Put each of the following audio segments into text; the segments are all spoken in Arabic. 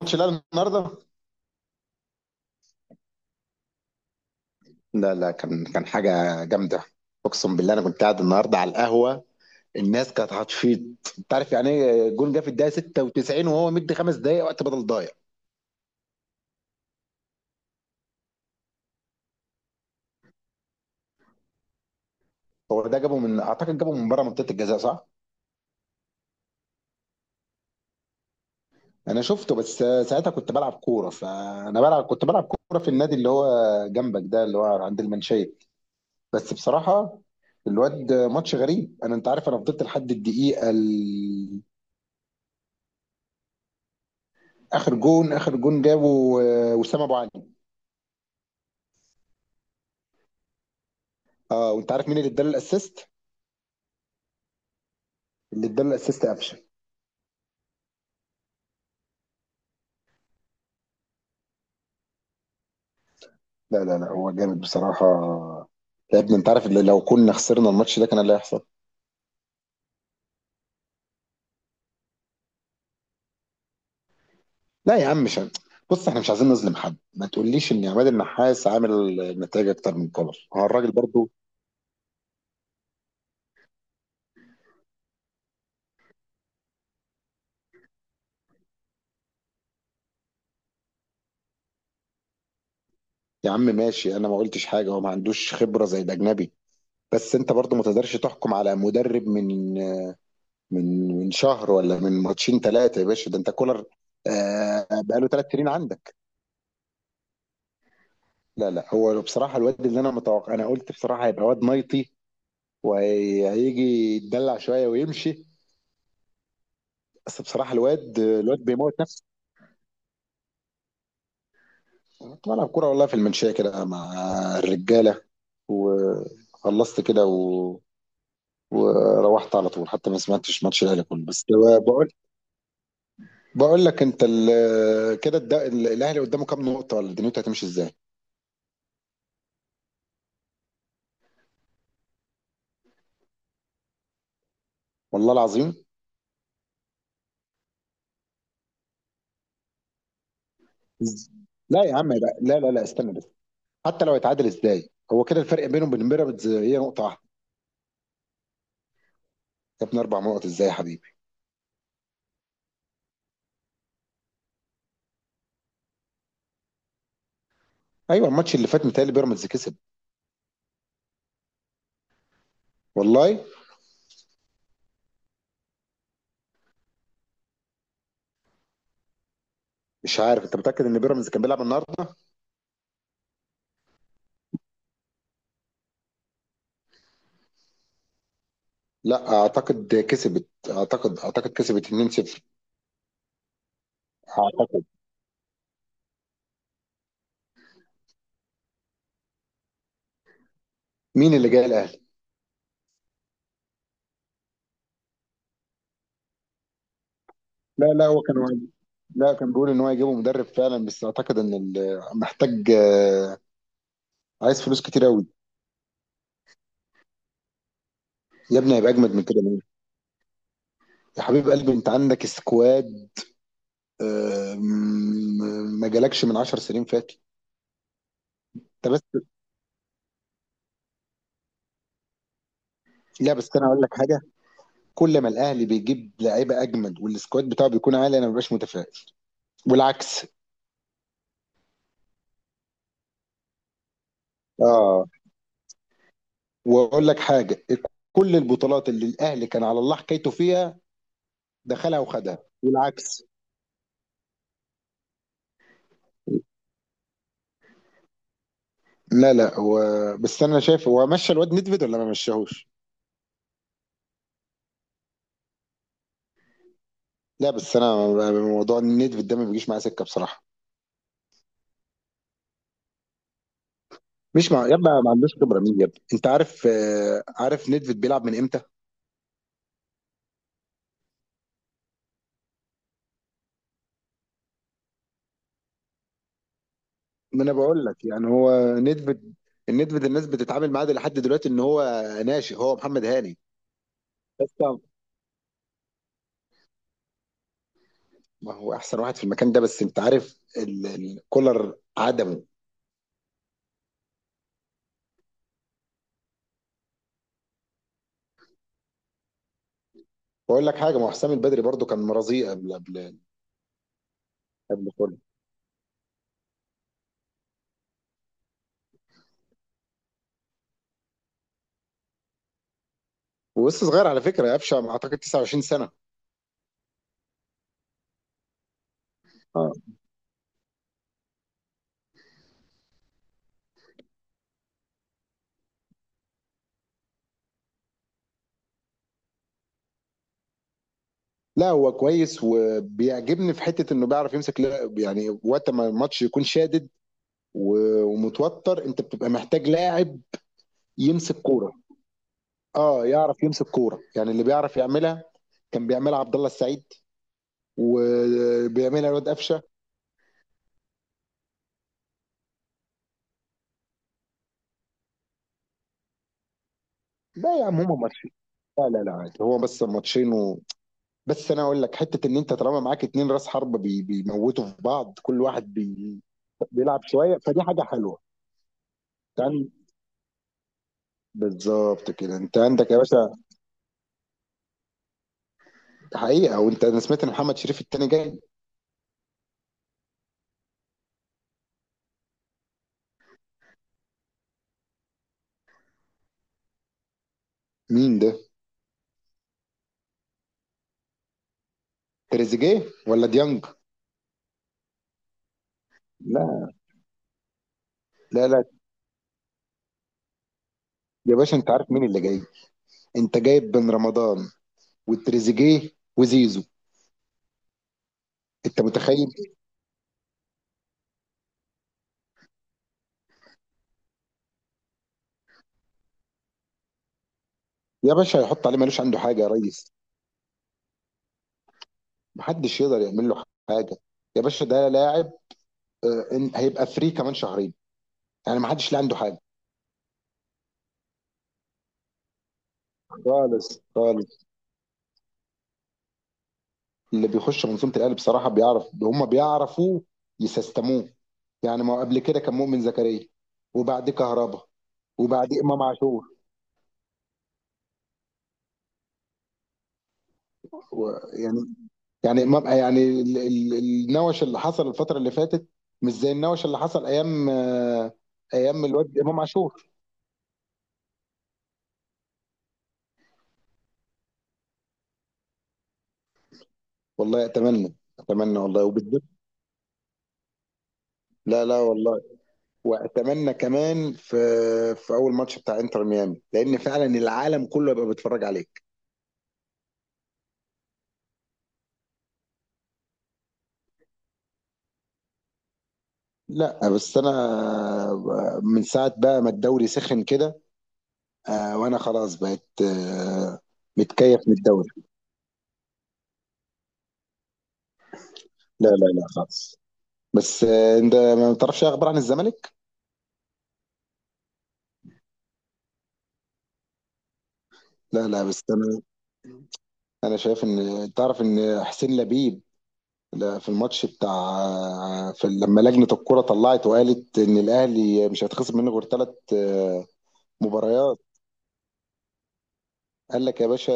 ماتش الاهلي النهارده. لا كان حاجة جامدة. أقسم بالله أنا كنت قاعد النهاردة على القهوة، الناس كانت هتفيض، أنت عارف يعني إيه جون جه في الدقيقة 96 وهو مدي خمس دقايق وقت بدل ضايع. هو ده جابه من، أعتقد جابه من بره منطقة الجزاء صح؟ أنا شفته بس ساعتها كنت بلعب كورة، فأنا بلعب، كنت بلعب كورة في النادي اللي هو جنبك ده اللي هو عند المنشية. بس بصراحة الواد، ماتش غريب أنا، أنت عارف أنا فضلت لحد الدقيقة آخر جون، آخر جون جابه وسام أبو علي. اه وانت عارف مين اللي اداله الاسيست؟ اللي اداله الاسيست قفشه. لا هو جامد بصراحه. يا ابني انت عارف اللي لو كنا خسرنا الماتش ده كان اللي هيحصل. لا يا عم، مش هن- بص احنا مش عايزين نظلم حد، ما تقوليش ان عماد النحاس عامل نتائج اكتر من كولر، هو الراجل برضو. يا عم ماشي، انا ما قلتش حاجه، هو ما عندوش خبره زي الاجنبي، بس انت برضو ما تقدرش تحكم على مدرب من، من شهر ولا من ماتشين ثلاثه، يا باشا ده انت كولر. آه بقاله ثلاث سنين عندك. لا لا، هو بصراحة الواد اللي أنا متوقع، أنا قلت بصراحة هيبقى واد نايطي وهيجي يتدلع شوية ويمشي. بس بصراحة الواد، الواد بيموت نفسه. أنا كنت بلعب كورة والله في المنشية كده مع الرجالة، وخلصت كده وروحت على طول، حتى ما سمعتش ماتش الأهلي كله، بس هو بقول، بقول لك أنت كده الأهلي قدامه كام نقطة ولا دنيته هتمشي إزاي؟ والله العظيم. إز- لا يا عم، لا، استنى بس، حتى لو هيتعادل إزاي؟ هو كده الفرق بينهم وبين بيراميدز هي نقطة واحدة. جبنا اربع نقط ازاي يا حبيبي؟ ايوه الماتش اللي فات متهيألي بيراميدز كسب. والله مش عارف، انت متاكد ان بيراميدز كان بيلعب النهارده؟ لا اعتقد كسبت، اعتقد كسبت 2-0. اعتقد. مين اللي جاي الاهلي؟ لا لا هو كان، لا كان بيقول ان هو هيجيبه مدرب فعلا، بس اعتقد ان محتاج عايز فلوس كتير قوي. يا ابني هيبقى اجمد من كده مين؟ يا حبيب قلبي انت عندك سكواد، ما جالكش من 10 سنين فاتوا. انت بس، لا بس انا اقول لك حاجه، كل ما الاهلي بيجيب لعيبه اجمد والسكواد بتاعه بيكون عالي انا ما ببقاش متفائل، والعكس. اه واقول لك حاجه، كل البطولات اللي الاهلي كان على الله حكايته فيها دخلها وخدها، والعكس. لا لا هو، بس انا شايف هو مشى الواد ندفد ولا ما مشاهوش؟ لا بس انا، موضوع ندفد ده ما بيجيش معايا سكه بصراحه. مش مع يا ما عندوش خبره مين، يا انت عارف عارف ندفد بيلعب من امتى؟ ما انا بقول لك يعني هو ندفد، الندفد الناس بتتعامل معاه ده لحد دلوقتي ان هو ناشئ، هو محمد هاني. بس ما هو احسن واحد في المكان ده، بس انت عارف كولر عدمه. بقول لك حاجه، ما هو حسام البدري برضو كان مرازيه قبل، قبل كولر. ولسه صغير على فكره قفشه، اعتقد 29 سنه. اه. لا هو كويس وبيعجبني في حته انه بيعرف يمسك لاعب، يعني وقت ما الماتش يكون شادد ومتوتر، انت بتبقى محتاج لاعب يمسك كوره. اه يعرف يمسك كوره يعني، اللي بيعرف يعملها كان بيعملها عبد الله السعيد، وبيعملها الواد قفشه. لا يا عم هم، لا عادي، هو بس ماتشين بس انا اقول لك حته، ان انت طالما معاك اتنين راس حربه بيموتوا في بعض، كل واحد بيلعب شويه، فدي حاجه حلوه يعني. بالظبط كده انت عندك يا باشا. حقيقه وانت، انا سمعت ان محمد شريف التاني جاي. مين ده؟ تريزيجيه ولا ديانج؟ لا لا لا، يا باشا انت عارف مين اللي جاي؟ انت جايب بن رمضان وتريزيجيه وزيزو. انت متخيل؟ يا باشا هيحط عليه ملوش عنده حاجه يا ريس. محدش يقدر يعمل له حاجه، يا باشا ده لاعب، هيبقى فري كمان شهرين. يعني ما حدش لا عنده حاجه خالص خالص. اللي بيخش منظومه الاهلي بصراحه بيعرف، هم بيعرفوا يسستموه، يعني ما هو قبل كده كان مؤمن زكريا، وبعد كهربا، وبعد امام عاشور. يعني، يعني امام يعني النوش اللي حصل الفتره اللي فاتت مش زي النوش اللي حصل ايام ايام الواد امام عاشور. والله اتمنى، اتمنى والله، وبالذات، لا لا والله. واتمنى كمان في، في اول ماتش بتاع انتر ميامي، لان فعلا العالم كله يبقى بيتفرج عليك. لا بس انا، من ساعه بقى ما الدوري سخن كده، وانا خلاص بقيت متكيف من الدوري. لا خالص. بس انت ما تعرفش أي اخبار عن الزمالك؟ لا لا بس انا، انا شايف ان، تعرف ان حسين لبيب، لا، في الماتش بتاع، في لما لجنه الكره طلعت وقالت ان الاهلي مش هيتخصم منه غير ثلاث مباريات، قال لك يا باشا،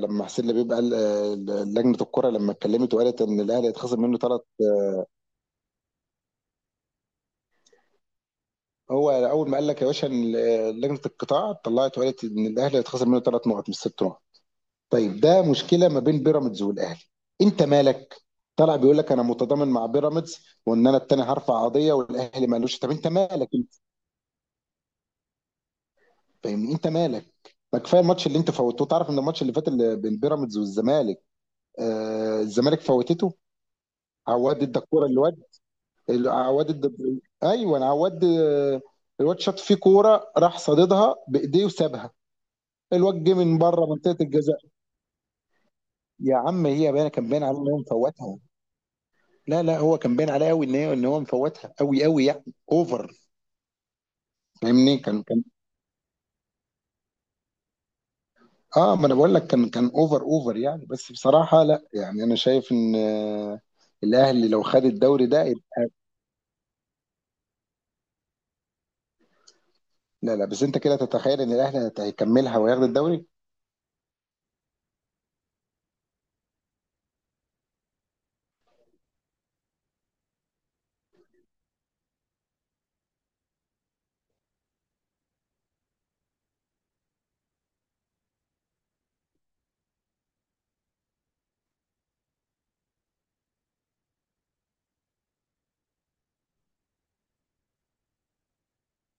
لما حسين لبيب قال، لجنه الكره لما اتكلمت وقالت ان الاهلي هيتخصم منه ثلاث، هو اول ما قال لك يا باشا ان، لجنه القطاع طلعت وقالت ان الاهلي هيتخصم منه ثلاث نقط مش ست نقط، طيب ده مشكله ما بين بيراميدز والاهلي، انت مالك؟ طلع بيقول لك انا متضامن مع بيراميدز، وان انا التاني هرفع قضيه، والاهلي ما قالوش طب انت مالك انت؟ فاهمني؟ انت مالك؟ ما كفايه الماتش اللي انت فوتته، تعرف ان الماتش اللي فات اللي بين بيراميدز والزمالك، آه الزمالك فوتته، عواد ادى الكوره للواد، عواد الدبري، ايوه عواد، الواد شاط فيه كوره راح صاددها بايديه وسابها، الواد جه من بره منطقه الجزاء. يا عم هي باينه، كان باين عليه ان هو مفوتها. لا لا هو كان باين عليه قوي ان هي، ان هو مفوتها، قوي قوي يعني، اوفر. فاهمني؟ كان اه، ما انا بقول لك كان اوفر، اوفر يعني. بس بصراحه لا يعني، انا شايف ان، الاهلي لو خد الدوري ده، لا لا بس انت كده تتخيل ان الاهلي هيكملها وياخد الدوري؟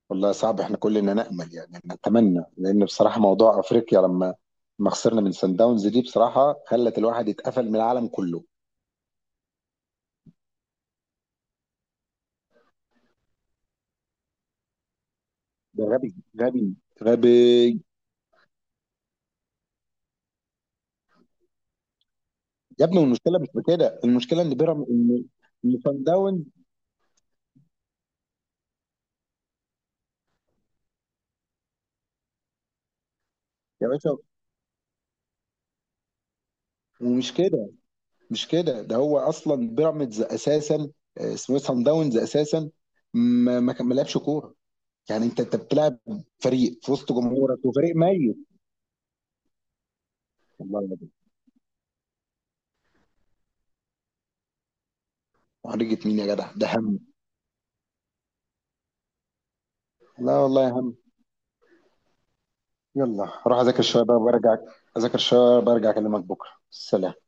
والله صعب. احنا كلنا نأمل يعني نتمنى، لأن بصراحة موضوع أفريقيا لما ما خسرنا من سان داونز دي، بصراحة خلت الواحد يتقفل من العالم كله. ده غبي، غبي، غبي. يا ابني والمشكلة مش بكده، المشكلة إن بيراميدز، إن إن سان داونز، يا باشا، ومش كده، مش كده، ده هو أصلا بيراميدز أساسا، اسمه إيه؟ سان داونز أساسا ما لعبش كورة، يعني أنت بتلعب فريق في وسط جمهورك وفريق ميت، والله يا جدع. وهنيجي مين يا جدع ده هم؟ لا والله. يلا روح اذاكر شويه بقى وارجع، اذاكر شويه برجع اكلمك بكره، سلام.